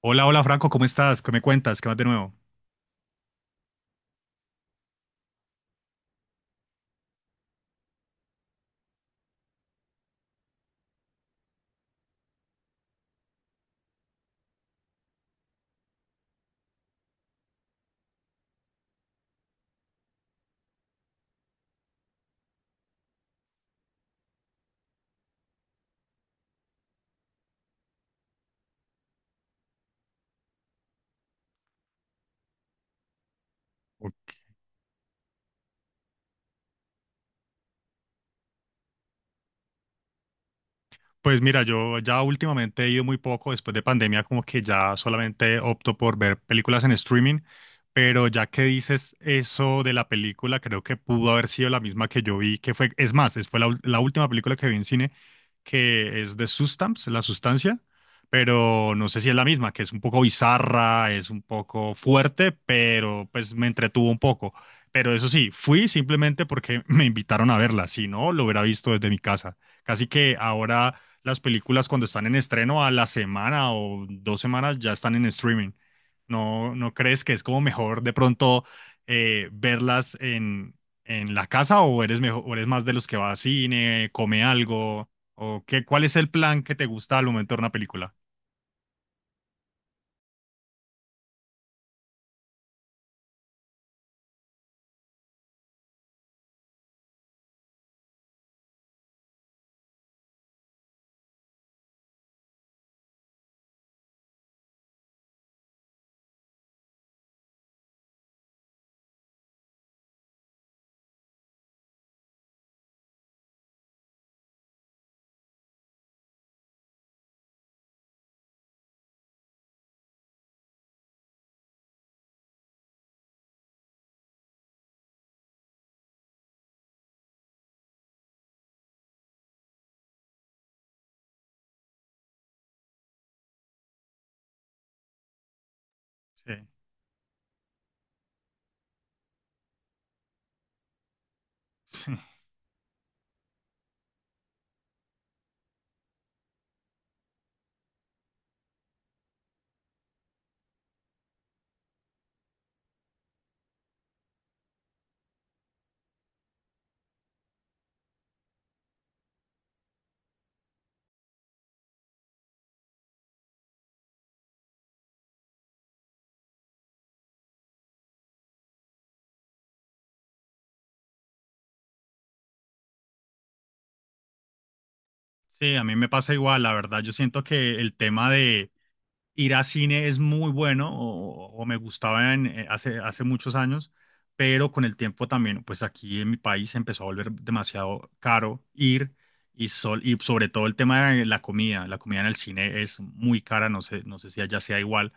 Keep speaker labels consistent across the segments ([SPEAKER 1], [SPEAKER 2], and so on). [SPEAKER 1] Hola, hola Franco, ¿cómo estás? ¿Qué me cuentas? ¿Qué más de nuevo? Pues mira, yo ya últimamente he ido muy poco, después de pandemia como que ya solamente opto por ver películas en streaming, pero ya que dices eso de la película, creo que pudo haber sido la misma que yo vi, que fue, es más, es fue la última película que vi en cine, que es de Sustance, La Sustancia, pero no sé si es la misma, que es un poco bizarra, es un poco fuerte, pero pues me entretuvo un poco. Pero eso sí, fui simplemente porque me invitaron a verla, si no, lo hubiera visto desde mi casa. Casi que ahora las películas cuando están en estreno a la semana o dos semanas ya están en streaming. ¿No, no crees que es como mejor de pronto verlas en la casa o eres mejor, o eres más de los que va a cine, come algo? ¿O qué, cuál es el plan que te gusta al momento de ver una película? Sí. Sí, sí, a mí me pasa igual, la verdad. Yo siento que el tema de ir a cine es muy bueno o me gustaba en, hace, hace muchos años, pero con el tiempo también, pues aquí en mi país se empezó a volver demasiado caro ir y, sol, y sobre todo el tema de la comida en el cine es muy cara, no sé, no sé si allá sea igual,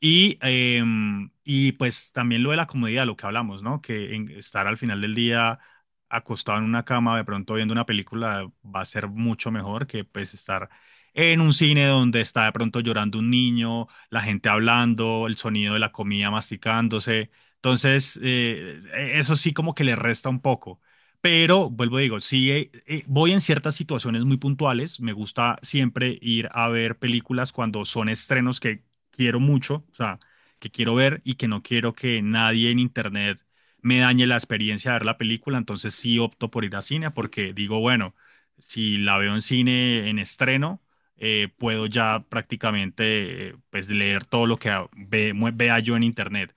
[SPEAKER 1] y, eh, y pues también lo de la comodidad, lo que hablamos, ¿no? Estar al final del día acostado en una cama, de pronto viendo una película, va a ser mucho mejor que pues estar en un cine donde está de pronto llorando un niño, la gente hablando, el sonido de la comida masticándose. Entonces, eso sí como que le resta un poco. Pero, vuelvo a digo, sí, voy en ciertas situaciones muy puntuales. Me gusta siempre ir a ver películas cuando son estrenos que quiero mucho, o sea, que quiero ver y que no quiero que nadie en internet me dañe la experiencia de ver la película, entonces sí opto por ir a cine porque digo, bueno, si la veo en cine en estreno, puedo ya prácticamente pues leer todo lo que vea yo en internet.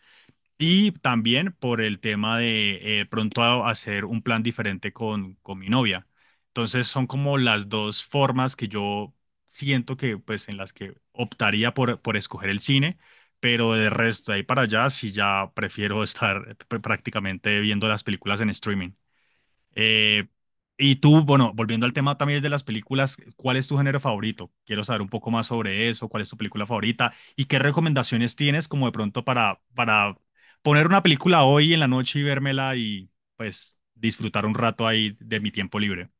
[SPEAKER 1] Y también por el tema de hacer un plan diferente con mi novia. Entonces son como las dos formas que yo siento que pues en las que optaría por escoger el cine, pero de resto de ahí para allá sí ya prefiero estar prácticamente viendo las películas en streaming. Eh, y tú, bueno, volviendo al tema también de las películas, ¿cuál es tu género favorito? Quiero saber un poco más sobre eso, cuál es tu película favorita y qué recomendaciones tienes como de pronto para poner una película hoy en la noche y vérmela y pues disfrutar un rato ahí de mi tiempo libre.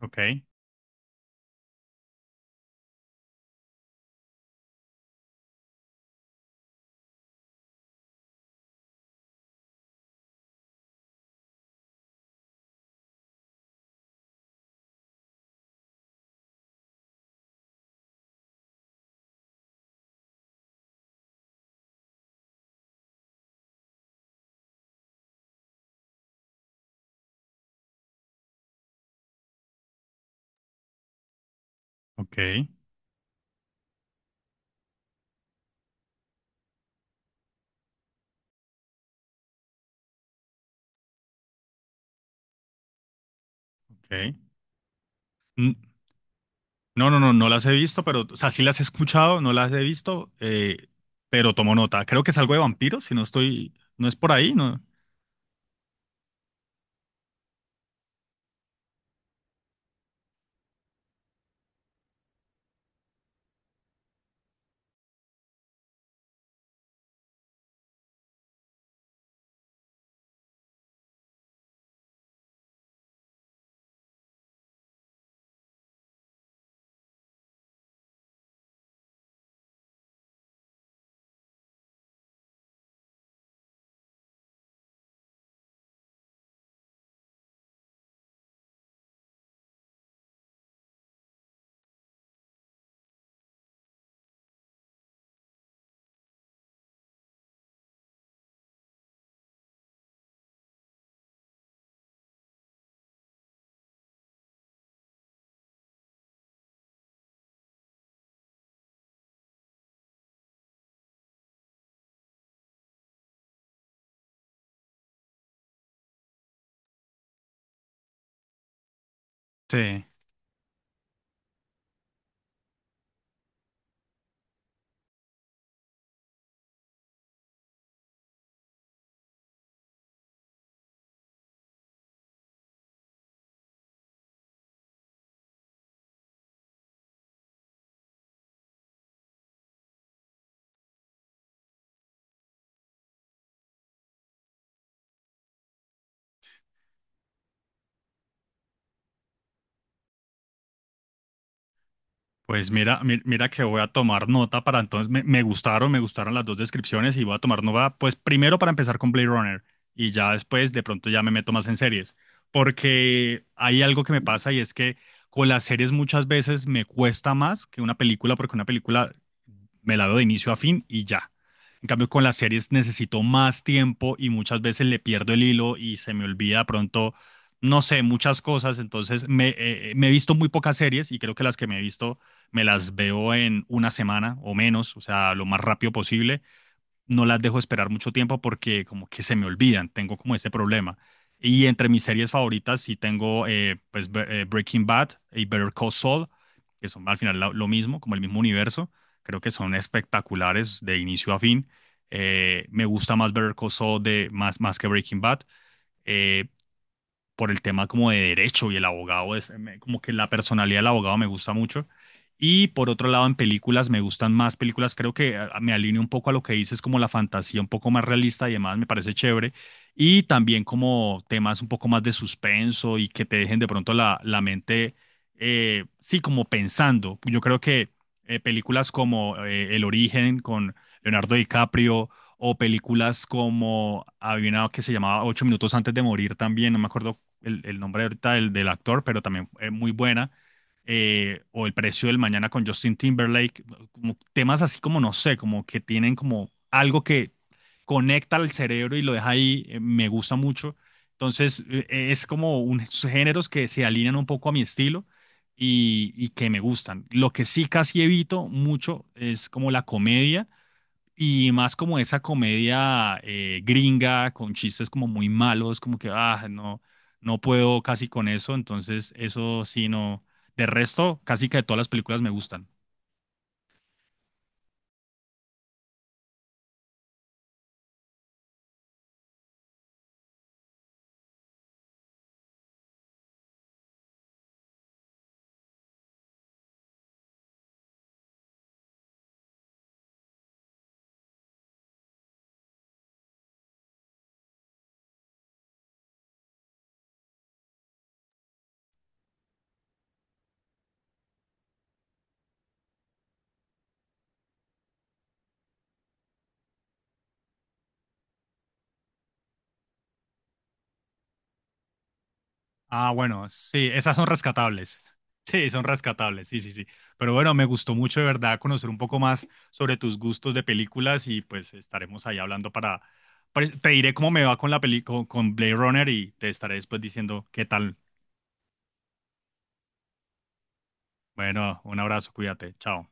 [SPEAKER 1] Ok, ok, ok. Mm. No, no, no, no las he visto, pero, o sea, sí las he escuchado, no las he visto, pero tomo nota. Creo que es algo de vampiros, si no estoy, no es por ahí, ¿no? Sí. Pues mira, mira que voy a tomar nota para entonces, me, me gustaron las dos descripciones y voy a tomar nota, pues primero para empezar con Blade Runner y ya después de pronto ya me meto más en series, porque hay algo que me pasa y es que con las series muchas veces me cuesta más que una película porque una película me la veo de inicio a fin y ya. En cambio con las series necesito más tiempo y muchas veces le pierdo el hilo y se me olvida de pronto, no sé, muchas cosas, entonces me, me he visto muy pocas series y creo que las que me he visto me las veo en una semana o menos, o sea, lo más rápido posible. No las dejo esperar mucho tiempo porque como que se me olvidan, tengo como ese problema. Y entre mis series favoritas sí tengo pues, Breaking Bad y Better Call Saul, que son al final lo, mismo, como el mismo universo. Creo que son espectaculares de inicio a fin. Me gusta más Better Call Saul de, más, más que Breaking Bad. Eh, por el tema como de derecho y el abogado es como que la personalidad del abogado me gusta mucho. Y por otro lado, en películas me gustan más películas, creo que ah, me alineo un poco a lo que dices, como la fantasía un poco más realista y demás, me parece chévere. Y también como temas un poco más de suspenso y que te dejen de pronto la, la mente, sí, como pensando. Yo creo que películas como El Origen con Leonardo DiCaprio, o películas como había una que se llamaba 8 minutos antes de morir también, no me acuerdo el nombre ahorita del, del actor, pero también es muy buena, o El precio del mañana con Justin Timberlake, como temas así como, no sé, como que tienen como algo que conecta al cerebro y lo deja ahí, me gusta mucho. Entonces, es como unos géneros que se alinean un poco a mi estilo y que me gustan. Lo que sí casi evito mucho es como la comedia y más como esa comedia gringa con chistes como muy malos, como que, ah, no, no puedo casi con eso. Entonces, eso sí, no. De resto, casi que todas las películas me gustan. Ah, bueno, sí, esas son rescatables. Sí, son rescatables, sí, sí, sí. Pero bueno, me gustó mucho de verdad conocer un poco más sobre tus gustos de películas y pues estaremos ahí hablando para... Te diré cómo me va con la película, con Blade Runner y te estaré después diciendo qué tal. Bueno, un abrazo, cuídate, chao.